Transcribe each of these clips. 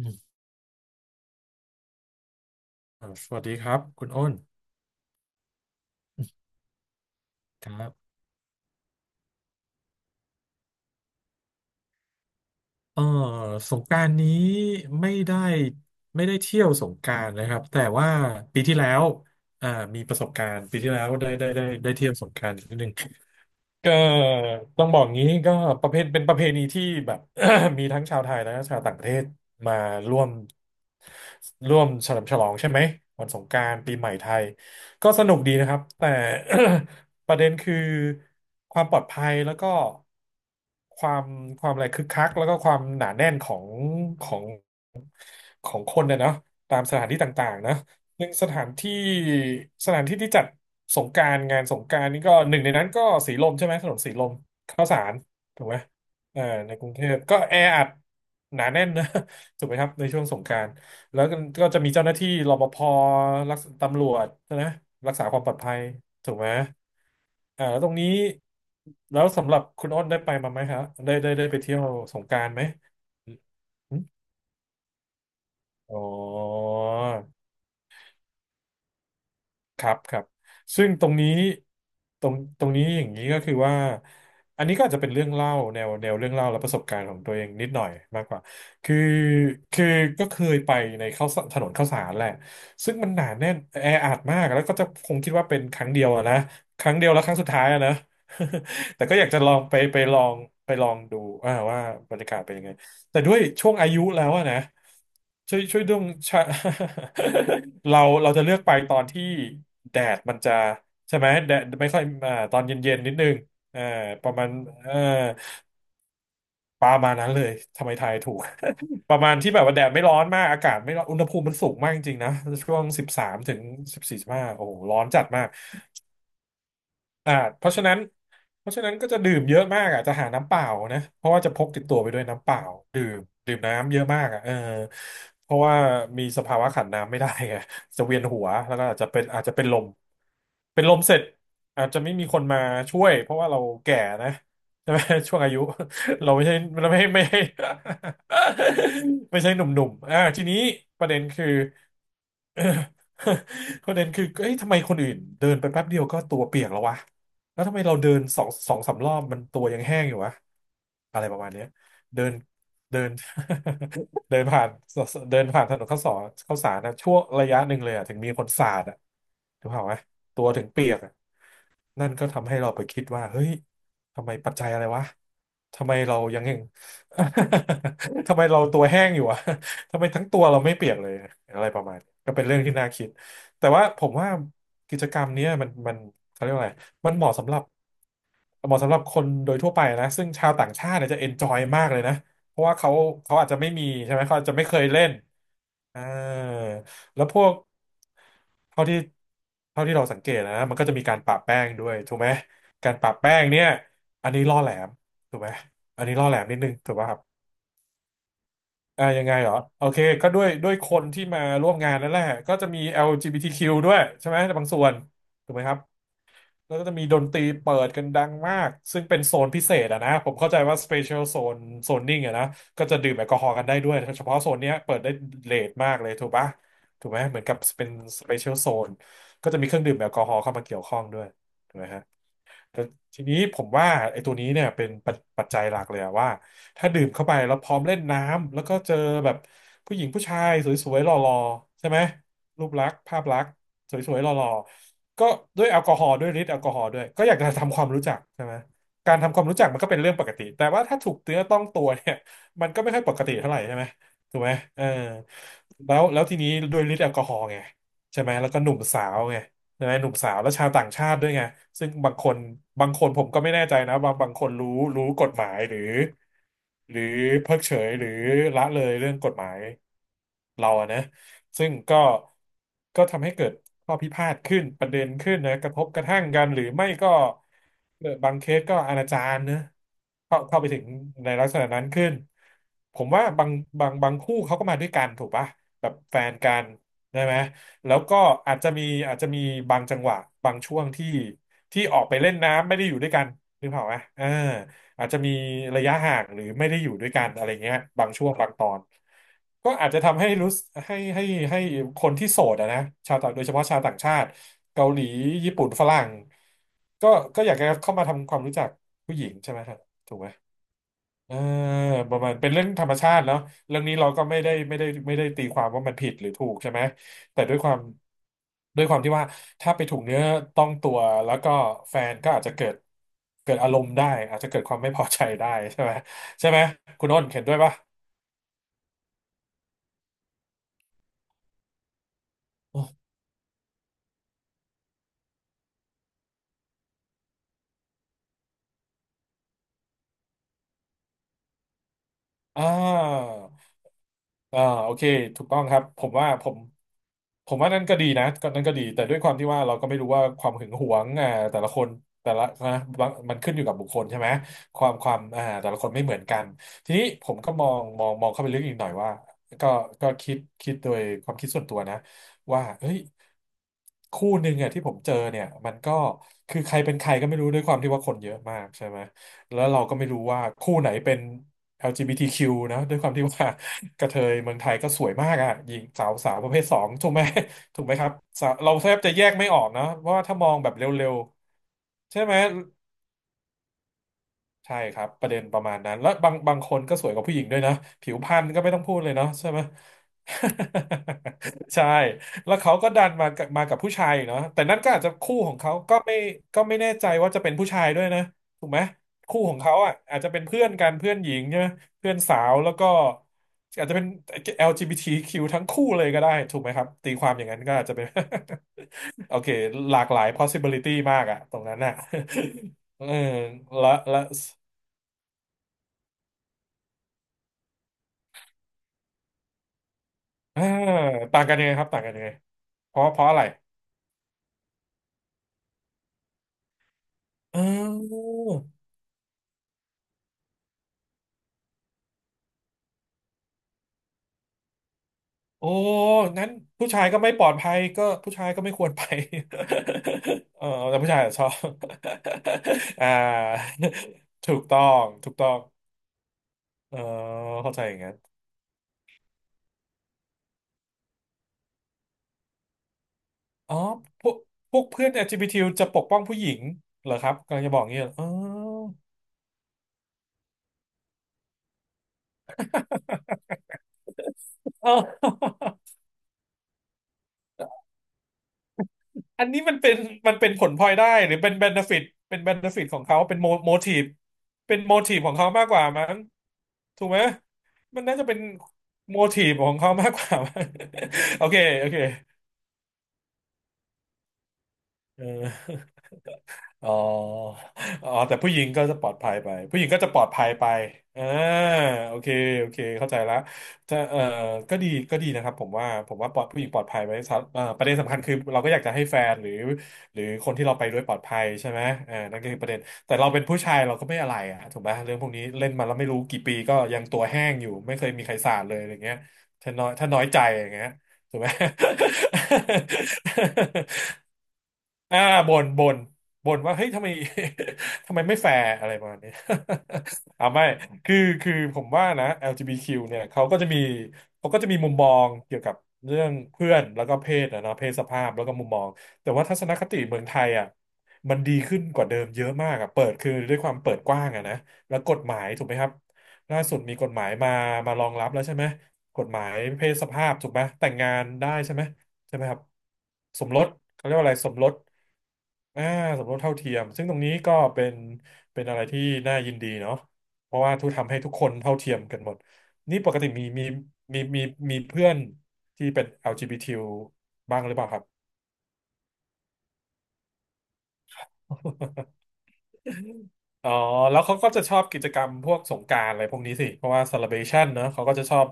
อืมสวัสดีครับคุณอ้นครับเออสงกรานต์นี้ไม่ได้ไม่ได้เที่ยวสงกรานต์นะครับแต่ว่าปีที่แล้วอ่ามีประสบการณ์ปีที่แล้วได้เที่ยวสงกรานต์นิดนึง ก็ต้องบอกงี้ก็ประเพณเป็นประเพณีที่แบบ มีทั้งชาวไทยและชาวต่างประเทศมาร่วมร่วมเฉลิมฉลองใช่ไหมวันสงกรานต์ปีใหม่ไทยก็สนุกดีนะครับแต่ ประเด็นคือความปลอดภัยแล้วก็ความความอะไรคึกคักแล้วก็ความหนาแน่นของของคนเนี่ยเนาะตามสถานที่ต่างๆนะ หนึ่งสถานที่ที่จัดสงกรานต์งานสงกรานต์นี่ก็หนึ่งในนั้นก็สีลมใช่ไหมถนนสีลมข้าวสารถูกไหมเออในกรุงเทพก็แออัดหนาแน่นนะ ถูกไหมครับในช่วงสงกรานต์แล้วก็จะมีเจ้าหน้าที่รปภรักษาตำรวจนะรักษาความปลอดภัยถูกไหมแล้วตรงนี้แล้วสำหรับคุณอ้นได้ไปมาไหมครับได้ไปเที่ยวสงกรานต์ไหมอืมอ๋อ ครับครับซึ่งตรงนี้ตรงนี้อย่างนี้ก็คือว่าอันนี้ก็อาจจะเป็นเรื่องเล่าแนวเรื่องเล่าและประสบการณ์ของตัวเองนิดหน่อยมากกว่าคือคือก็เคยไปในข้าวสารถนนข้าวสารแหละซึ่งมันหนาแน่นแออัดมากแล้วก็จะคงคิดว่าเป็นครั้งเดียวอะนะครั้งเดียวแล้วครั้งสุดท้ายอะนะ แต่ก็อยากจะลองไปลองดูว่าบรรยากาศเป็นยังไง แต่ด้วยช่วงอายุแล้วอะนะช่วยช่วยดึงชะ เราจะเลือกไปตอนที่แดดมันจะใช่ไหมแดดไม่ค่อยตอนเย็นๆนิดนึงเอ่าประมาณเอ่อนั้นเลยทำไมทายถูก ประมาณที่แบบว่าแดดไม่ร้อนมากอากาศไม่ร้อนอุณหภูมิมันสูงมากจริงๆนะช่วงสิบสามถึงสิบสี่สิบห้าโอ้โหร้อนจัดมาก อ่าเพราะฉะนั้นเพราะฉะนั้นก็จะดื่มเยอะมากอ่ะจะหาน้ำเปล่านะเพราะว่าจะพกติดตัวไปด้วยน้ำเปล่าดื่มดื่มน้ำเยอะมากอ่ะเพราะว่ามีสภาวะขาดน้ำไม่ได้ไง จะเวียนหัวแล้วก็อาจจะเป็นลมเป็นลมเสร็จอาจจะไม่มีคนมาช่วยเพราะว่าเราแก่นะใช่ไหม ช่วงอายุ เราไม่ใช่เราไม่ ไม่ใช่หนุ่มๆทีนี้ประเด็นคือ ประเด็นคือเอ้ยทำไมคนอื่นเดินไปแป๊บเดียวก็ตัวเปียกแล้ววะ แล้วทำไมเราเดินสองสามรอบมันตัวยังแห้งอยู่วะอะไรประมาณเนี้ยเดินเดิน เดินผ่านเดินผ่านถนนข้าวสารนะช่วงระยะหนึ่งเลยอะถึงมีคนสาดอะถูกเปล่าวะตัวถึงเปียกอะนั่นก็ทำให้เราไปคิดว่าเฮ้ยทำไมปัจจัยอะไรวะทำไมเรายังแห้ง ทำไมเราตัวแห้งอยู่วะทำไมทั้งตัวเราไม่เปียกเลยอะไรประมาณนี้ก็เป็นเรื่องที่น่าคิดแต่ว่าผมว่ากิจกรรมเนี้ยมันเขาเรียกว่าอะไร มันเหมาะสำหรับคนโดยทั่วไปนะซึ่งชาวต่างชาติเนี่ยจะเอนจอยมากเลยนะเพราะว่าเขาอาจจะไม่มีใช่ไหมเขาอาจจะไม่เคยเล่นอ่าแล้วพวกเท่าที่เท่าที่เราสังเกตนะมันก็จะมีการปะแป้งด้วยถูกไหมการปะแป้งเนี่ยอันนี้ล่อแหลมถูกไหมอันนี้ล่อแหลมนิดนึงถูกป่ะครับอ่ายังไงเหรอโอเคก็ด้วยคนที่มาร่วมงานนั่นแหละก็จะมี LGBTQ ด้วยใช่ไหมในบางส่วนถูกไหมครับ แล้วก็จะมีดนตรีเปิดกันดังมากซึ่งเป็นโซนพิเศษอะนะผมเข้าใจว่า special zone zoning อะนะก็จะดื่มแอลกอฮอล์กันได้ด้วยเฉพาะโซนเนี้ยเปิดได้เลทมากเลยถูกปะถูกไหมเหมือนกับเป็น special zone ก็จะมีเครื่องดื่มแอลกอฮอล์เข้ามาเกี่ยวข้องด้วยถูกไหมฮะ แต่ทีนี้ผมว่าไอ้ตัวนี้เนี่ยเป็นปัจจัยหลักเลยอะว่าถ้าดื่มเข้าไปแล้วพร้อมเล่นน้ำแล้วก็เจอแบบผู้หญิงผู้ชายสวยๆหล่อๆใช่ไหมรูปลักษณ์ภาพลักษณ์สวยๆหล่อๆก็ด้วยแอลกอฮอล์ด้วยฤทธิ์แอลกอฮอล์ด้วยก็อยากจะทำความรู้จักใช่ไหมการทำความรู้จักมันก็เป็นเรื่องปกติแต่ว่าถ้าถูกเนื้อต้องตัวเนี่ยมันก็ไม่ค่อยปกติเท่าไหร่ใช่ไหมถูกไหมเออแล้วทีนี้ด้วยฤทธิ์แอลกอฮอล์ไงใช่ไหมแล้วก็หนุ่มสาวไง ใชหนุ่มสาวและชาวต่างชาติด้วยไงซึ่งบางคนผมก็ไม่แน่ใจนะบางคนรู้กฎหมายหรือหรือเพิกเฉยหรือละเลยเรื่องกฎหมายเราอะนะซึ่งก็ทำให้เกิดข้อพิพาทขึ้นประเด็นขึ้นนะกระทบกระทั่งกันหรือไม่ก็บางเคสก็อนาจารนะเข้าไปถึงในลักษณะนั้นขึ้นผมว่าบางคู่เขาก็มาด้วยกันถูกปะแบบแฟนกันได้ไหม แล้วก็อาจจะมีอาจจะมีบางจังหวะบางช่วงที่ออกไปเล่นน้ำไม่ได้อยู่ด้วยกันนึกภาพไหมเอออาจจะมีระยะห่างหรือไม่ได้อยู่ด้วยกันอะไรเงี้ยบางช่วงบางตอนก็อาจจะทำให้รู้สึกให้คนที่โสดอะนะชาวต่างโดยเฉพาะชาวต่างชาติเกาหลีญี่ปุ่นฝรั่งก็ก็อยากจะเข้ามาทำความรู้จักผู้หญิงใช่ไหมครับถูกไหม เออประมาณเป็นเรื่องธรรมชาติเนาะเรื่องนี้เราก็ไม่ได้ตีความว่ามันผิดหรือถูกใช่ไหมแต่ด้วยความที่ว่าถ้าไปถูกเนื้อต้องตัวแล้วก็แฟนก็อาจจะเกิดอารมณ์ได้อาจจะเกิดความไม่พอใจได้ใช่ไหมใช่ไหมคุณอ้นเห็นด้วยปะอ่า อ่าโอเคถูกต้องครับผมว่านั่นก็ดีนะก็นั่นก็ดีแต่ด้วยความที่ว่าเราก็ไม่รู้ว่าความหึงหวงแต่ละคนแต่ละนะบางมันขึ้นอยู่กับบุคคลใช่ไหมความความแต่ละคนไม่เหมือนกันทีนี้ผมก็มองเข้าไปลึกอีกหน่อยว่าก็ก็คิดโดยความคิดส่วนตัวนะว่าเฮ้ยคู่หนึ่งอ่ะที่ผมเจอเนี่ยมันก็คือใครเป็นใครก็ไม่รู้ด้วยความที่ว่าคนเยอะมากใช่ไหมแล้วเราก็ไม่รู้ว่าคู่ไหนเป็น LGBTQ นะด้วยความที่ว่า กระเทยเมืองไทยก็สวยมากอ่ะหญิงสาวประเภทสองถูกไหม ถูกไหมครับสาวเราแทบจะแยกไม่ออกนะเพราะว่าถ้ามองแบบเร็วๆใช่ไหม ใช่ครับประเด็นประมาณนั้นแล้วบางคนก็สวยกว่าผู้หญิงด้วยนะผิวพรรณก็ไม่ต้องพูดเลยเนาะใช่ไหม ใช่แล้วเขาก็ดันมากับผู้ชายเนาะแต่นั่นก็อาจจะคู่ของเขาก็ไม่แน่ใจว่าจะเป็นผู้ชายด้วยนะถูกไหมคู่ของเขาอ่ะอาจจะเป็นเพื่อนกันเพื่อนหญิงใช่ไหมเพื่อนสาวแล้วก็อาจจะเป็น LGBTQ ทคิวทั้งคู่เลยก็ได้ถูกไหมครับตีความอย่างนั้นก็อาจจะเป็น โอเคหลากหลาย possibility มากอะตรงนั้นอ่ะ เออและ อ่าต่างกันยังไงครับต่างกันยังไงเพราะอะไรเออโอ้นั้นผู้ชายก็ไม่ปลอดภัยผู้ชายไม่ควรไป เออแต่ผู้ชายอะชอบ อ่าถูกต้องถูกต้องเออเข้าใจอย่างนั้นอ๋อพวกพวกเพื่อน LGBT จบีทีจะปกป้องผู้หญิงเหรอครับกำลังจะบอกเงี้ยเหรออ๋อ อันนี้มันเป็นผลพลอยได้หรือเป็นเบนฟิตเป็นเบนฟิตของเขาเป็นโมทีฟเป็นโมทีฟของเขามากกว่ามั้งถูกไหมมันน่าจะเป็นโมทีฟของเขามากกว่ามั้ง โอเคเออ อ๋ออ๋อแต่ผู้หญิงก็จะปลอดภัยไปผู้หญิงก็จะปลอดภัยไปอ่าโอเคโอเคเข้าใจละจะก็ดีนะครับ ผมว่าปลอดผู้หญิงปลอดภัยไว้สำประเด็นสำคัญคือเราก็อยากจะให้แฟนหรือหรือคนที่เราไปด้วยปลอดภัยใช่ไหมอ่านั่นก็คือประเด็นแต่เราเป็นผู้ชายเราก็ไม่อะไรอะถูกไหมเรื่องพวกนี้เล่นมาแล้วไม่รู้กี่ปีก็ยังตัวแห้งอยู่ไม่เคยมีใครสาดเลยอะไรเงี้ยถ้าน้อยใจอย่างเงี้ยถูกไหม อ่าบ่นบ่นบ่นว่าเฮ้ยทำไม ทำไมไม่แฟร์อะไรประมาณนี้ อ่าไม่คือคือผมว่านะ LGBTQ เนี่ยเขาก็จะมีมุมมองเกี่ยวกับเรื่องเพื่อนแล้วก็เพศนะเนาะเพศสภาพแล้วก็มุมมองแต่ว่าทัศนคติเมืองไทยอ่ะมันดีขึ้นกว่าเดิมเยอะมากอ่ะเปิดคือด้วยความเปิดกว้างอ่ะนะแล้วกฎหมายถูกไหมครับล่าสุดมีกฎหมายมามารองรับแล้วใช่ไหมกฎหมายเพศสภาพถูกไหมแต่งงานได้ใช่ไหมใช่ไหมครับสมรสเขาเรียกว่าอะไรสมรส อ่าสมรสเท่าเทียมซึ่งตรงนี้ก็เป็นเป็นอะไรที่น่ายินดีเนาะเพราะว่าทุกทำให้ทุกคนเท่าเทียมกันหมดนี่ปกติมีมีมีมีเพื่อนที่เป็น LGBTQ บทีบ้างหรือเปล่าครับ อ๋อแล้วเขาก็จะชอบกิจกรรมพวกสงกรานต์อะไรพวกนี้สิเพราะว่า celebration เนอะเขาก็จะชอบ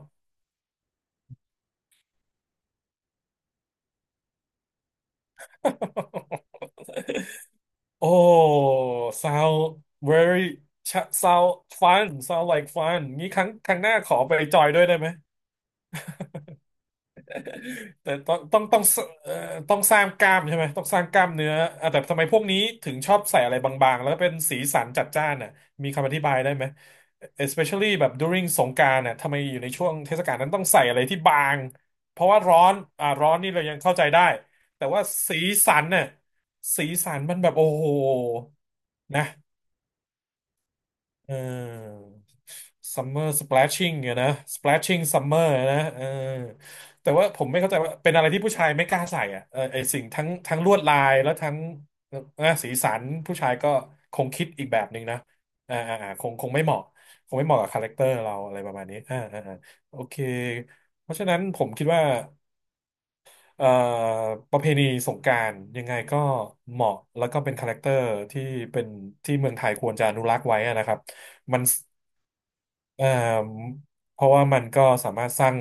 โอ้ sound very sound fun sound like fun งี้ครั้งหน้าขอไปจอยด้วยได้ไหม แต่ต้องเอ่อต้องสร้างกล้ามใช่ไหมต้องสร้างกล้ามเนื้ออ่ะแต่ทำไมพวกนี้ถึงชอบใส่อะไรบางๆแล้วเป็นสีสันจัดจ้านน่ะมีคำอธิบายได้ไหม especially แบบ during สงกรานต์น่ะทำไมอยู่ในช่วงเทศกาลนั้นต้องใส่อะไรที่บางเพราะว่าร้อนอ่าร้อนนี่เรายังเข้าใจได้แต่ว่าสีสันน่ะสีสันมันแบบโอ้โหนะ เออ summer splashing อะนะ splashing summer อะนะเออแต่ว่าผมไม่เข้าใจว่าเป็นอะไรที่ผู้ชายไม่กล้าใส่อ่ะเออไอสิ่งทั้งลวดลายแล้วทั้งนะสีสันผู้ชายก็คงคิดอีกแบบหนึ่งนะคงไม่เหมาะคงไม่เหมาะกับคาแรคเตอร์เราอะไรประมาณนี้โอเคเพราะฉะนั้นผมคิดว่าเอ่อประเพณีสงกรานต์ยังไงก็เหมาะแล้วก็เป็นคาแรคเตอร์ที่เป็นที่เมืองไทยควรจะอนุรักษ์ไว้อะนะครับมัน เอ่อเพราะว่ามันก็สามารถสร้าง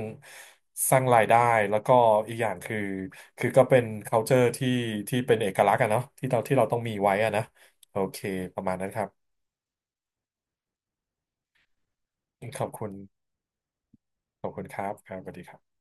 สร้างรายได้แล้วก็อีกอย่างคือคือก็เป็น culture ที่ที่เป็นเอกลักษณ์อะเนาะที่เราที่เราต้องมีไว้อะนะโอเคประมาณนั้นครับขอบคุณขอบคุณครับครับสวัสดีครับ